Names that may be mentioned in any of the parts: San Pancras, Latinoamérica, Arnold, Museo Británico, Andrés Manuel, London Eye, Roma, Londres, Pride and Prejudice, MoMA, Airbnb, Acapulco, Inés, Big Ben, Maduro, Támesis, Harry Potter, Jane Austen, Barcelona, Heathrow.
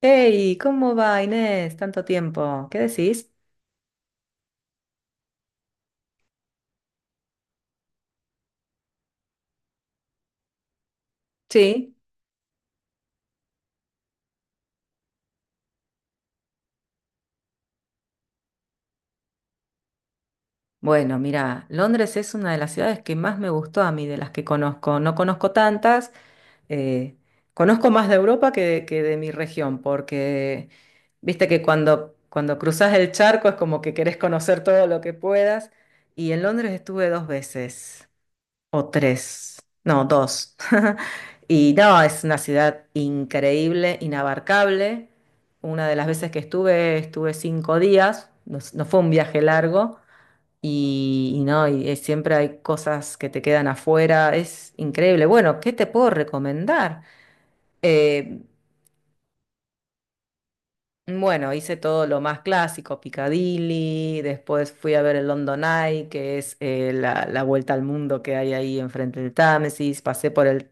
Hey, ¿cómo va Inés? Tanto tiempo. ¿Qué decís? Sí. Bueno, mira, Londres es una de las ciudades que más me gustó a mí, de las que conozco. No conozco tantas, eh, conozco más de Europa que de mi región, porque viste que cuando cruzas el charco es como que querés conocer todo lo que puedas. Y en Londres estuve dos veces, o tres, no, dos. Y no, es una ciudad increíble, inabarcable. Una de las veces que estuve 5 días, no, no fue un viaje largo. Y no, siempre hay cosas que te quedan afuera, es increíble. Bueno, ¿qué te puedo recomendar? Eh, bueno, hice todo lo más clásico: Piccadilly, después fui a ver el London Eye, que es la vuelta al mundo que hay ahí enfrente del Támesis, pasé por el...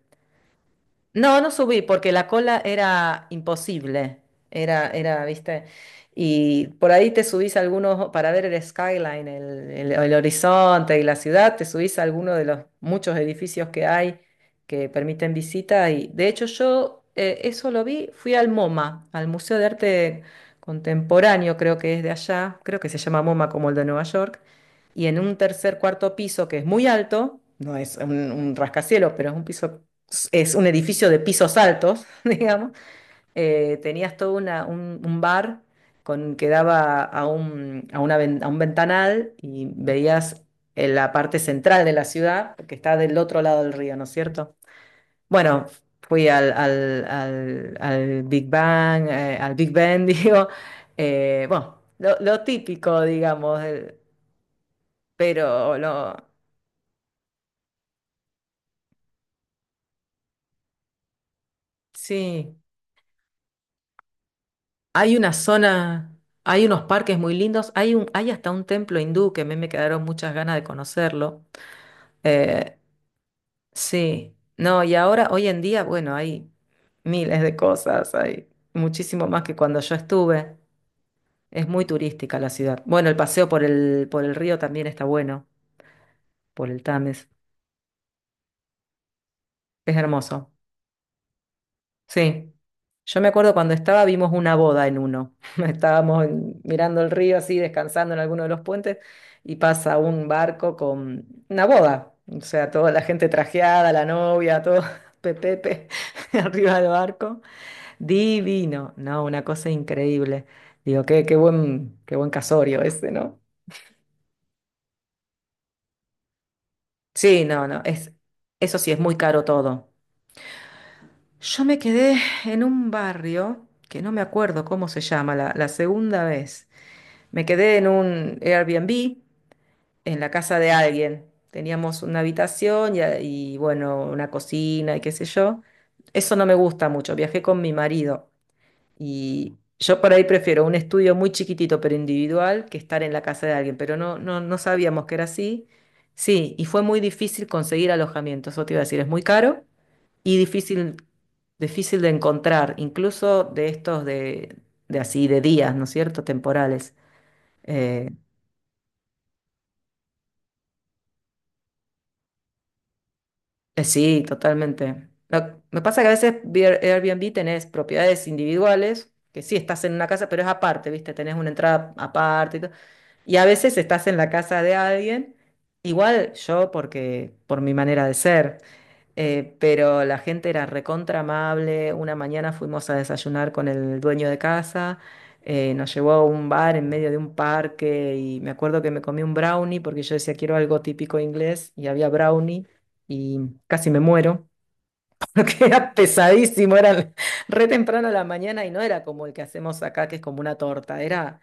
No, no subí porque la cola era imposible. Era, viste. Y por ahí te subís a algunos para ver el skyline, el horizonte y la ciudad. Te subís a alguno de los muchos edificios que hay, que permiten visita. Y de hecho, yo eso lo vi. Fui al MoMA, al Museo de Arte Contemporáneo, creo que es de allá. Creo que se llama MoMA como el de Nueva York. Y en un tercer, cuarto piso que es muy alto. No es un rascacielos, pero es un piso, es un edificio de pisos altos, digamos, tenías todo un bar, que daba a un, a una ven- a un ventanal y veías en la parte central de la ciudad, que está del otro lado del río, ¿no es cierto? Bueno, fui al Big Bang, al Big Ben, digo, bueno, lo típico, digamos, pero lo, sí. Hay una zona, hay unos parques muy lindos, hay hasta un templo hindú que a mí me quedaron muchas ganas de conocerlo. Eh, sí, no, y ahora, hoy en día, bueno, hay miles de cosas, hay muchísimo más que cuando yo estuve. Es muy turística la ciudad. Bueno, el paseo por el río también está bueno, por el Tames. Es hermoso. Sí. Yo me acuerdo cuando estaba, vimos una boda en uno. Estábamos mirando el río así, descansando en alguno de los puentes, y pasa un barco con una boda. O sea, toda la gente trajeada, la novia, todo pepepe arriba del barco. Divino. No, una cosa increíble. Digo, qué buen casorio ese, ¿no? Sí, no, no. Eso sí, es muy caro todo. Yo me quedé en un barrio que no me acuerdo cómo se llama, la segunda vez. Me quedé en un Airbnb, en la casa de alguien. Teníamos una habitación y, bueno, una cocina y qué sé yo. Eso no me gusta mucho. Viajé con mi marido y yo por ahí prefiero un estudio muy chiquitito pero individual que estar en la casa de alguien, pero no, no, no sabíamos que era así. Sí, y fue muy difícil conseguir alojamiento, eso te iba a decir, es muy caro y difícil de encontrar, incluso de estos de así, de días, ¿no es cierto?, temporales. Eh, Sí, totalmente. Me pasa que a veces Airbnb tenés propiedades individuales, que sí estás en una casa, pero es aparte, ¿viste? Tenés una entrada aparte y todo. Y a veces estás en la casa de alguien, igual yo porque por mi manera de ser. Pero la gente era recontra amable. Una mañana fuimos a desayunar con el dueño de casa, nos llevó a un bar en medio de un parque y me acuerdo que me comí un brownie porque yo decía quiero algo típico inglés y había brownie y casi me muero, porque era pesadísimo, era re temprano a la mañana y no era como el que hacemos acá, que es como una torta, era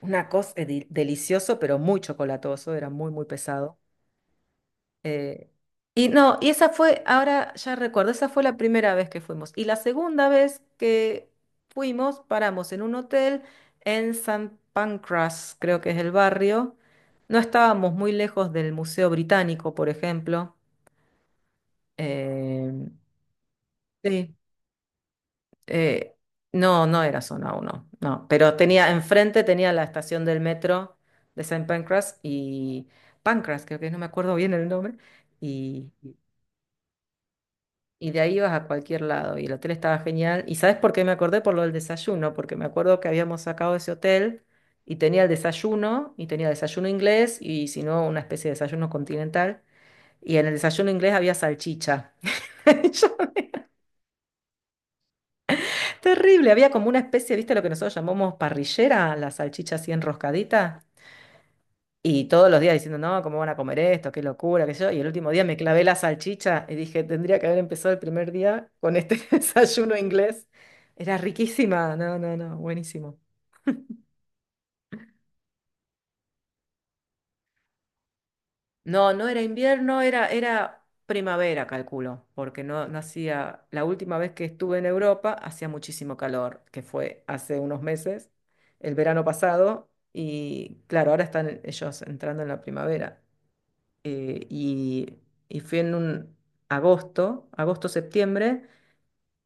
una cosa delicioso pero muy chocolatoso, era muy, muy pesado. Eh, y no, y esa fue, ahora ya recuerdo, esa fue la primera vez que fuimos. Y la segunda vez que fuimos, paramos en un hotel en San Pancras, creo que es el barrio. No estábamos muy lejos del Museo Británico, por ejemplo. Eh, sí, eh, no, no era zona 1, no. Pero tenía, enfrente tenía la estación del metro de San Pancras y Pancras, creo que es, no me acuerdo bien el nombre. Y de ahí ibas a cualquier lado. Y el hotel estaba genial. ¿Y sabes por qué me acordé? Por lo del desayuno, porque me acuerdo que habíamos sacado ese hotel y tenía el desayuno, y tenía desayuno inglés, y si no, una especie de desayuno continental. Y en el desayuno inglés había salchicha. Yo- Terrible, había como una especie, ¿viste lo que nosotros llamamos parrillera? La salchicha así enroscadita. Y todos los días diciendo, no, ¿cómo van a comer esto? Qué locura, qué sé yo. Y el último día me clavé la salchicha y dije, tendría que haber empezado el primer día con este desayuno inglés. Era riquísima, no, no, no, buenísimo. No, no era invierno, era primavera, calculo, porque no, no hacía, la última vez que estuve en Europa hacía muchísimo calor, que fue hace unos meses, el verano pasado, y claro, ahora están ellos entrando en la primavera. eh, y, y fui en un agosto, agosto-septiembre,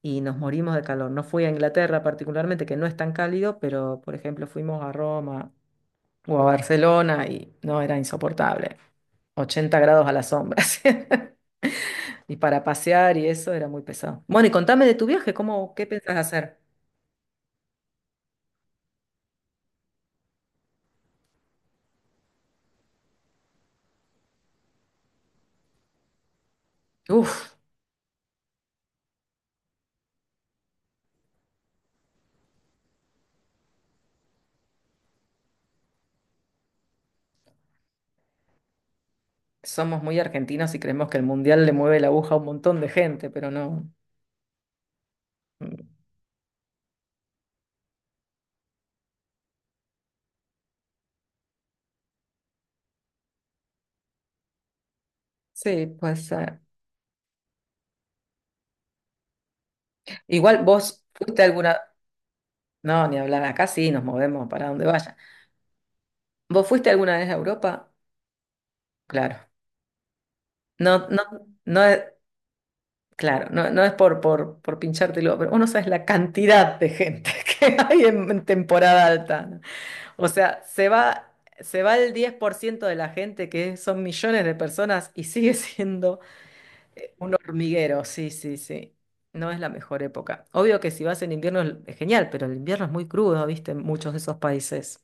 y nos morimos de calor. No fui a Inglaterra particularmente, que no es tan cálido, pero por ejemplo fuimos a Roma o a Barcelona y no era insoportable. 80 grados a la sombra. así. Y para pasear y eso era muy pesado. Bueno, y contame de tu viaje, ¿cómo, qué pensás hacer? Uf, somos muy argentinos y creemos que el mundial le mueve la aguja a un montón de gente, pero no. Mm. Sí, pues. Igual vos fuiste alguna. No, ni hablar acá, sí, nos movemos para donde vaya. ¿Vos fuiste alguna vez a Europa? Claro. No, no, no es, claro, no, no es por pinchártelo, pero uno sabe la cantidad de gente que hay en temporada alta, ¿no? O sea, se va el 10% de la gente, que son millones de personas, y sigue siendo un hormiguero, sí, sí, sí. No es la mejor época. Obvio que si vas en invierno es genial, pero el invierno es muy crudo, ¿viste? En muchos de esos países.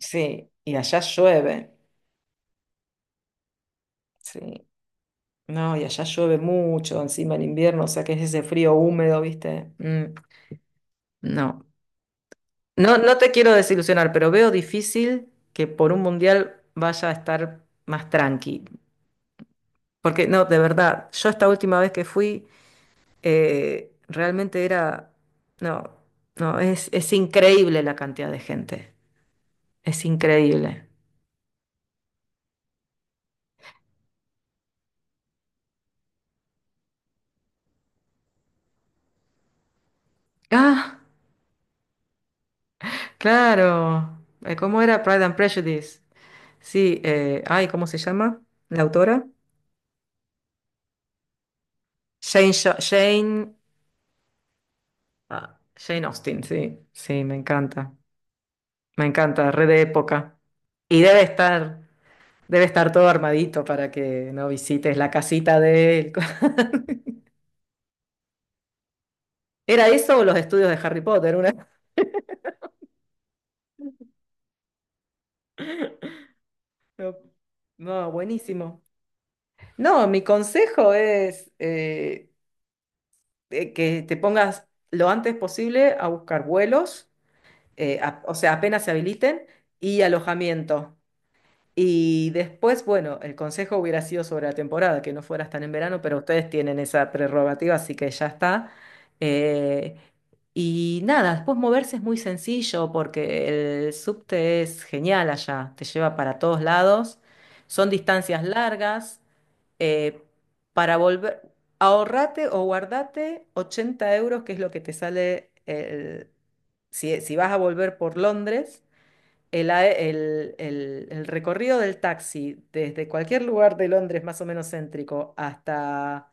Sí, y allá llueve. Sí. No, y allá llueve mucho, encima en invierno, o sea que es ese frío húmedo, ¿viste? Mm, no. No, no te quiero desilusionar, pero veo difícil que por un mundial vaya a estar más tranqui. Porque no, de verdad, yo esta última vez que fui, realmente era. No, no, es increíble la cantidad de gente. Es increíble. Ah, claro. ¿Cómo era Pride and Prejudice? Sí, ay, ¿cómo se llama? ¿La autora? Jane, Sha- Jane, ah, Jane Austen, sí, sí, me encanta, re de época. Y debe estar todo armadito para que no visites la casita de él. ¿Era eso o los estudios de Harry Potter? Una... No, no, buenísimo. No, mi consejo es que te pongas lo antes posible a buscar vuelos, o sea, apenas se habiliten, y alojamiento. Y después, bueno, el consejo hubiera sido sobre la temporada, que no fueras tan en verano, pero ustedes tienen esa prerrogativa, así que ya está. Eh, y nada, después moverse es muy sencillo porque el subte es genial allá, te lleva para todos lados, son distancias largas. eh, para volver, ahorrate o guardate 80 euros, que es lo que te sale si vas a volver por Londres, el, a- el- el recorrido del taxi desde cualquier lugar de Londres más o menos céntrico hasta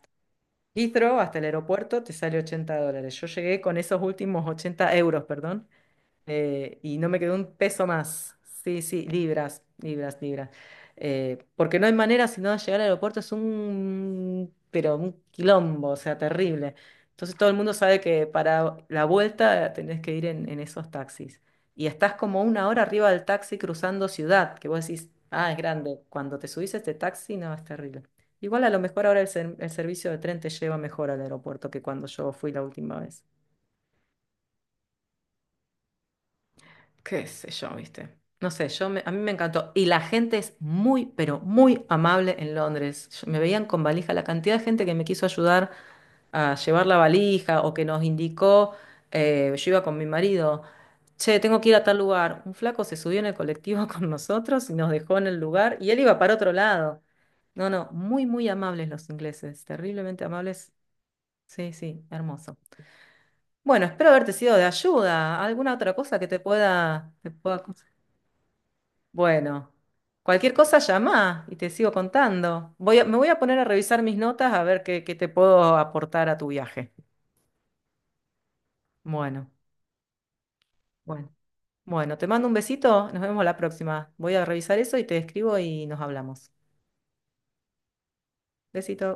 Heathrow, hasta el aeropuerto, te sale $80. Yo llegué con esos últimos 80 euros, perdón, y no me quedó un peso más. Sí, sí, libras, libras, libras. Porque no hay manera sino de llegar al aeropuerto, es un, pero un quilombo, o sea, terrible. Entonces todo el mundo sabe que para la vuelta tenés que ir en esos taxis. Y estás como una hora arriba del taxi cruzando ciudad, que vos decís, ah, es grande. Cuando te subís a este taxi, no, es terrible. Igual a lo mejor ahora el servicio de tren te lleva mejor al aeropuerto que cuando yo fui la última vez. Qué sé yo, ¿viste? No sé, a mí me encantó. Y la gente es muy, pero muy amable en Londres. Me veían con valija, la cantidad de gente que me quiso ayudar a llevar la valija o que nos indicó, yo iba con mi marido, che, tengo que ir a tal lugar. Un flaco se subió en el colectivo con nosotros y nos dejó en el lugar y él iba para otro lado. No, no, muy, muy amables los ingleses, terriblemente amables. Sí, sí, hermoso. Bueno, espero haberte sido de ayuda. ¿Alguna otra cosa que te pueda? Bueno, cualquier cosa llama y te sigo contando. Me voy a poner a revisar mis notas a ver qué te puedo aportar a tu viaje. Bueno, bueno, bueno, te mando un besito, nos vemos la próxima. Voy a revisar eso y te escribo y nos hablamos. Besito.